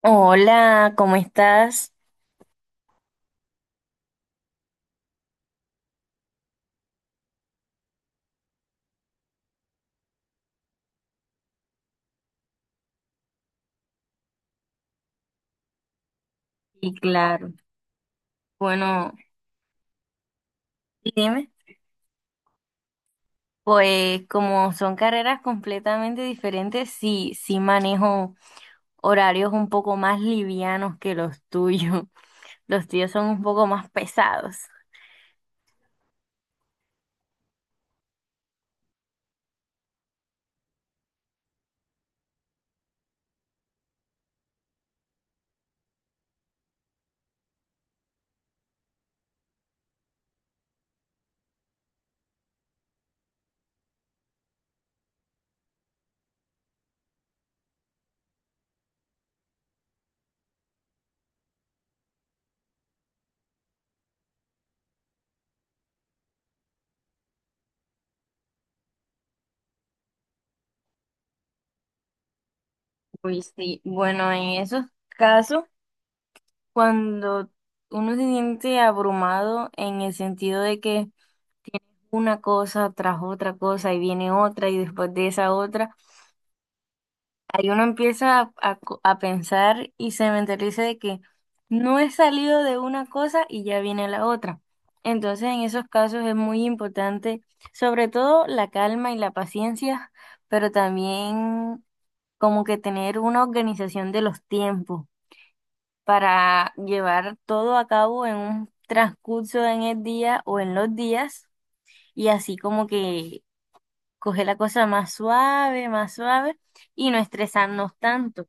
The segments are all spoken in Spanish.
Hola, ¿cómo estás? Y claro. Bueno, y dime, pues como son carreras completamente diferentes, sí manejo horarios un poco más livianos que los tuyos. Los tuyos son un poco más pesados. Uy, sí. Bueno, en esos casos, cuando uno se siente abrumado en el sentido de que una cosa tras otra cosa y viene otra y después de esa otra. Ahí uno empieza a pensar y se mentaliza de que no he salido de una cosa y ya viene la otra. Entonces, en esos casos es muy importante, sobre todo la calma y la paciencia, pero también como que tener una organización de los tiempos para llevar todo a cabo en un transcurso en el día o en los días y así como que coger la cosa más suave y no estresarnos tanto.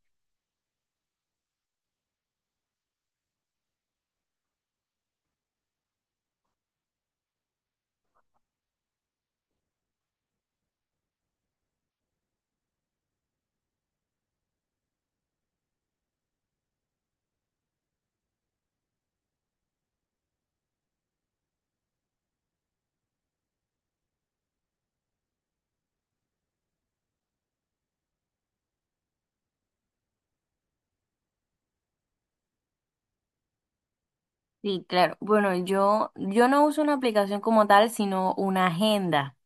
Sí, claro. Bueno, yo no uso una aplicación como tal, sino una agenda.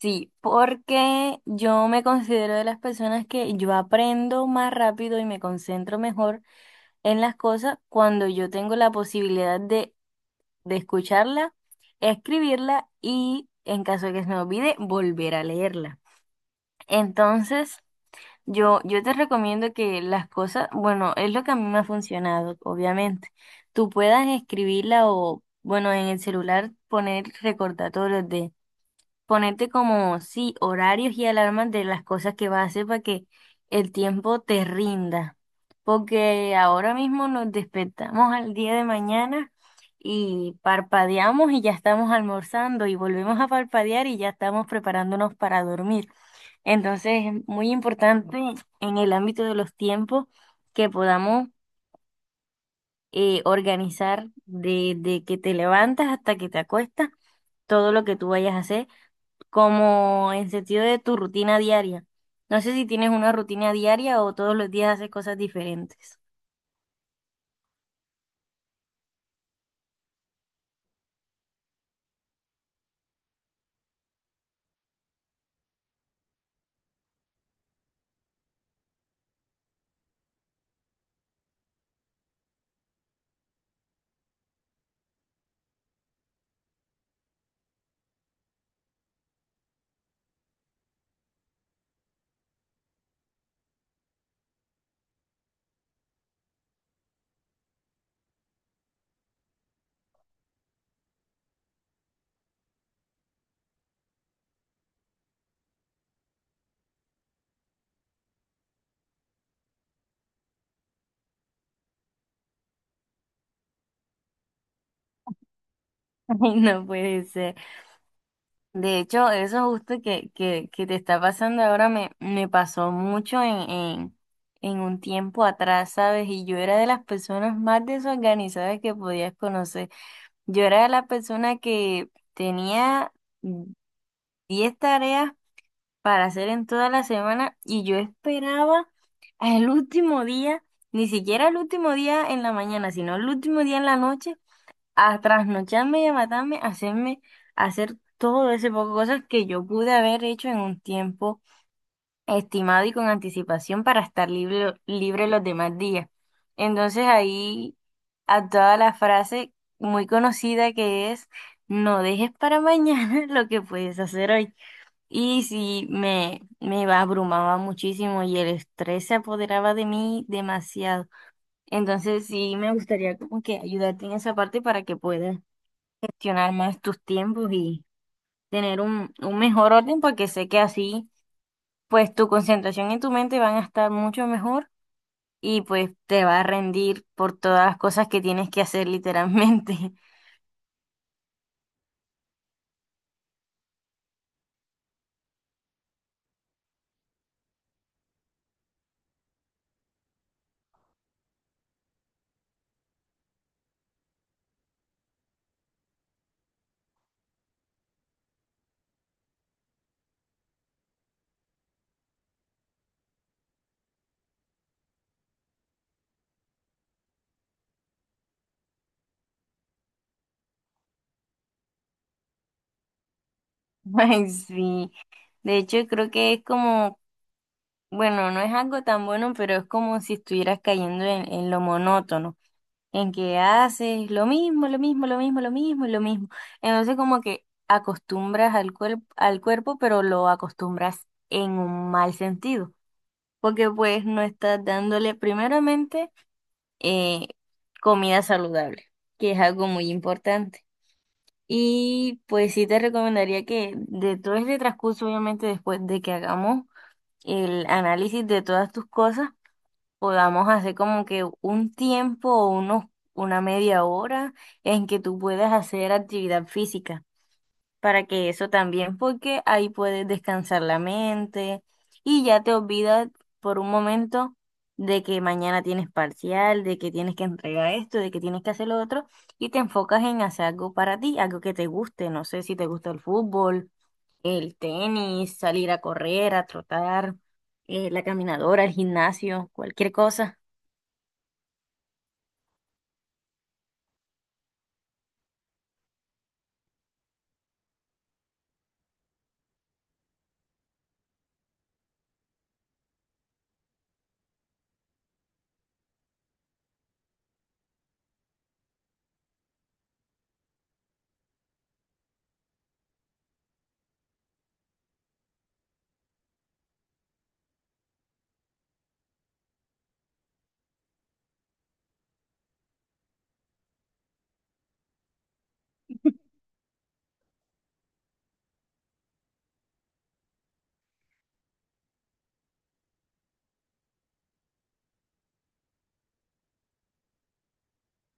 Sí, porque yo me considero de las personas que yo aprendo más rápido y me concentro mejor en las cosas cuando yo tengo la posibilidad de escucharla, escribirla y, en caso de que se me olvide, volver a leerla. Entonces, yo te recomiendo que las cosas, bueno, es lo que a mí me ha funcionado, obviamente. Tú puedas escribirla o, bueno, en el celular poner recordatorios de, ponerte como, sí, horarios y alarmas de las cosas que vas a hacer para que el tiempo te rinda. Porque ahora mismo nos despertamos al día de mañana y parpadeamos y ya estamos almorzando y volvemos a parpadear y ya estamos preparándonos para dormir. Entonces, es muy importante en el ámbito de los tiempos que podamos organizar desde que te levantas hasta que te acuestas todo lo que tú vayas a hacer, como en sentido de tu rutina diaria. No sé si tienes una rutina diaria o todos los días haces cosas diferentes. Ay, no puede ser. De hecho, eso justo que te está pasando ahora me pasó mucho en un tiempo atrás, ¿sabes? Y yo era de las personas más desorganizadas que podías conocer. Yo era de la persona que tenía 10 tareas para hacer en toda la semana y yo esperaba al último día, ni siquiera el último día en la mañana, sino el último día en la noche a trasnocharme y a matarme, a hacerme, a hacer todo ese poco de cosas que yo pude haber hecho en un tiempo estimado y con anticipación para estar libre, libre los demás días. Entonces ahí a toda la frase muy conocida que es, no dejes para mañana lo que puedes hacer hoy. Y sí, me abrumaba muchísimo y el estrés se apoderaba de mí demasiado. Entonces sí, me gustaría como que ayudarte en esa parte para que puedas gestionar más tus tiempos y tener un mejor orden porque sé que así pues tu concentración y tu mente van a estar mucho mejor y pues te va a rendir por todas las cosas que tienes que hacer literalmente. Ay, sí. De hecho, creo que es como, bueno, no es algo tan bueno, pero es como si estuvieras cayendo en lo monótono. En que haces lo mismo, lo mismo, lo mismo, lo mismo, y lo mismo. Entonces como que acostumbras al cuerpo, pero lo acostumbras en un mal sentido, porque pues no estás dándole primeramente eh, comida saludable, que es algo muy importante. Y pues sí te recomendaría que de todo este transcurso, obviamente después de que hagamos el análisis de todas tus cosas, podamos hacer como que un tiempo o unos, una media hora en que tú puedas hacer actividad física, para que eso también, porque ahí puedes descansar la mente y ya te olvidas por un momento de que mañana tienes parcial, de que tienes que entregar esto, de que tienes que hacer lo otro, y te enfocas en hacer algo para ti, algo que te guste, no sé si te gusta el fútbol, el tenis, salir a correr, a trotar, la caminadora, el gimnasio, cualquier cosa.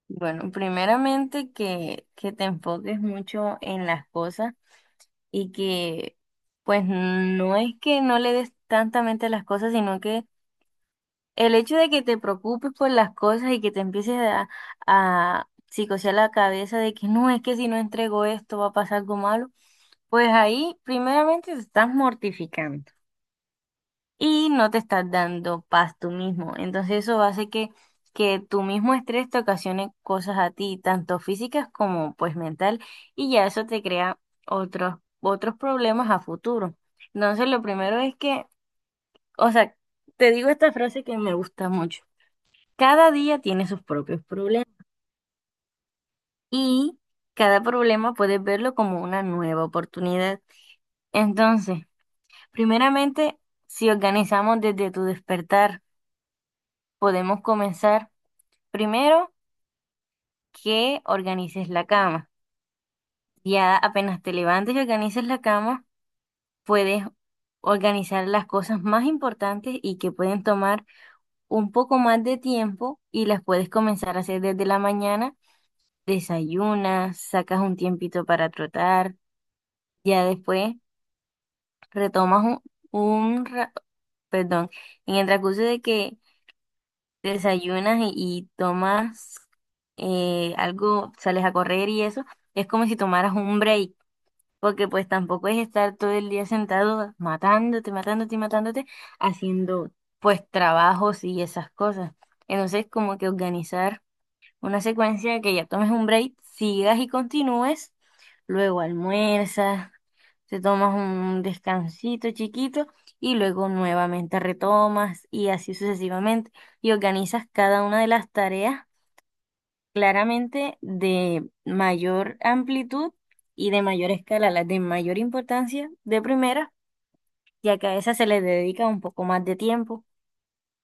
Bueno, primeramente que te enfoques mucho en las cosas y que pues no es que no le des tanta mente a las cosas, sino que el hecho de que te preocupes por las cosas y que te empieces a psicosear la cabeza de que no, es que si no entrego esto va a pasar algo malo, pues ahí primeramente te estás mortificando y no te estás dando paz tú mismo. Entonces eso hace que tu mismo estrés te ocasione cosas a ti, tanto físicas como pues mental, y ya eso te crea otros, otros problemas a futuro. Entonces lo primero es que, o sea, te digo esta frase que me gusta mucho. Cada día tiene sus propios problemas y cada problema puedes verlo como una nueva oportunidad. Entonces, primeramente, si organizamos desde tu despertar, podemos comenzar. Primero, que organices la cama. Ya apenas te levantes y organices la cama, puedes organizar las cosas más importantes y que pueden tomar un poco más de tiempo y las puedes comenzar a hacer desde la mañana. Desayunas, sacas un tiempito para trotar, ya después retomas un ra- perdón, en el transcurso de que desayunas y tomas algo, sales a correr y eso. Es como si tomaras un break. Porque pues tampoco es estar todo el día sentado matándote, matándote y matándote, haciendo pues trabajos y esas cosas. Entonces como que organizar una secuencia de que ya tomes un break, sigas y continúes, luego almuerzas, te tomas un descansito chiquito y luego nuevamente retomas y así sucesivamente. Y organizas cada una de las tareas claramente de mayor amplitud y de mayor escala, las de mayor importancia de primera, ya que a esas se les dedica un poco más de tiempo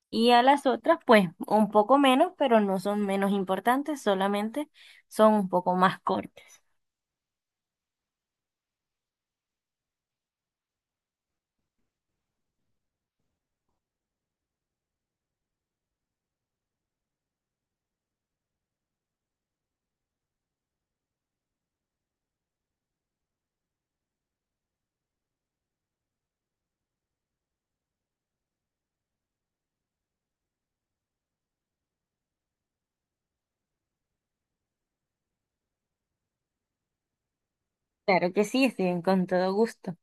y a las otras pues un poco menos, pero no son menos importantes, solamente son un poco más cortas. Claro que sí, estoy en- con todo gusto.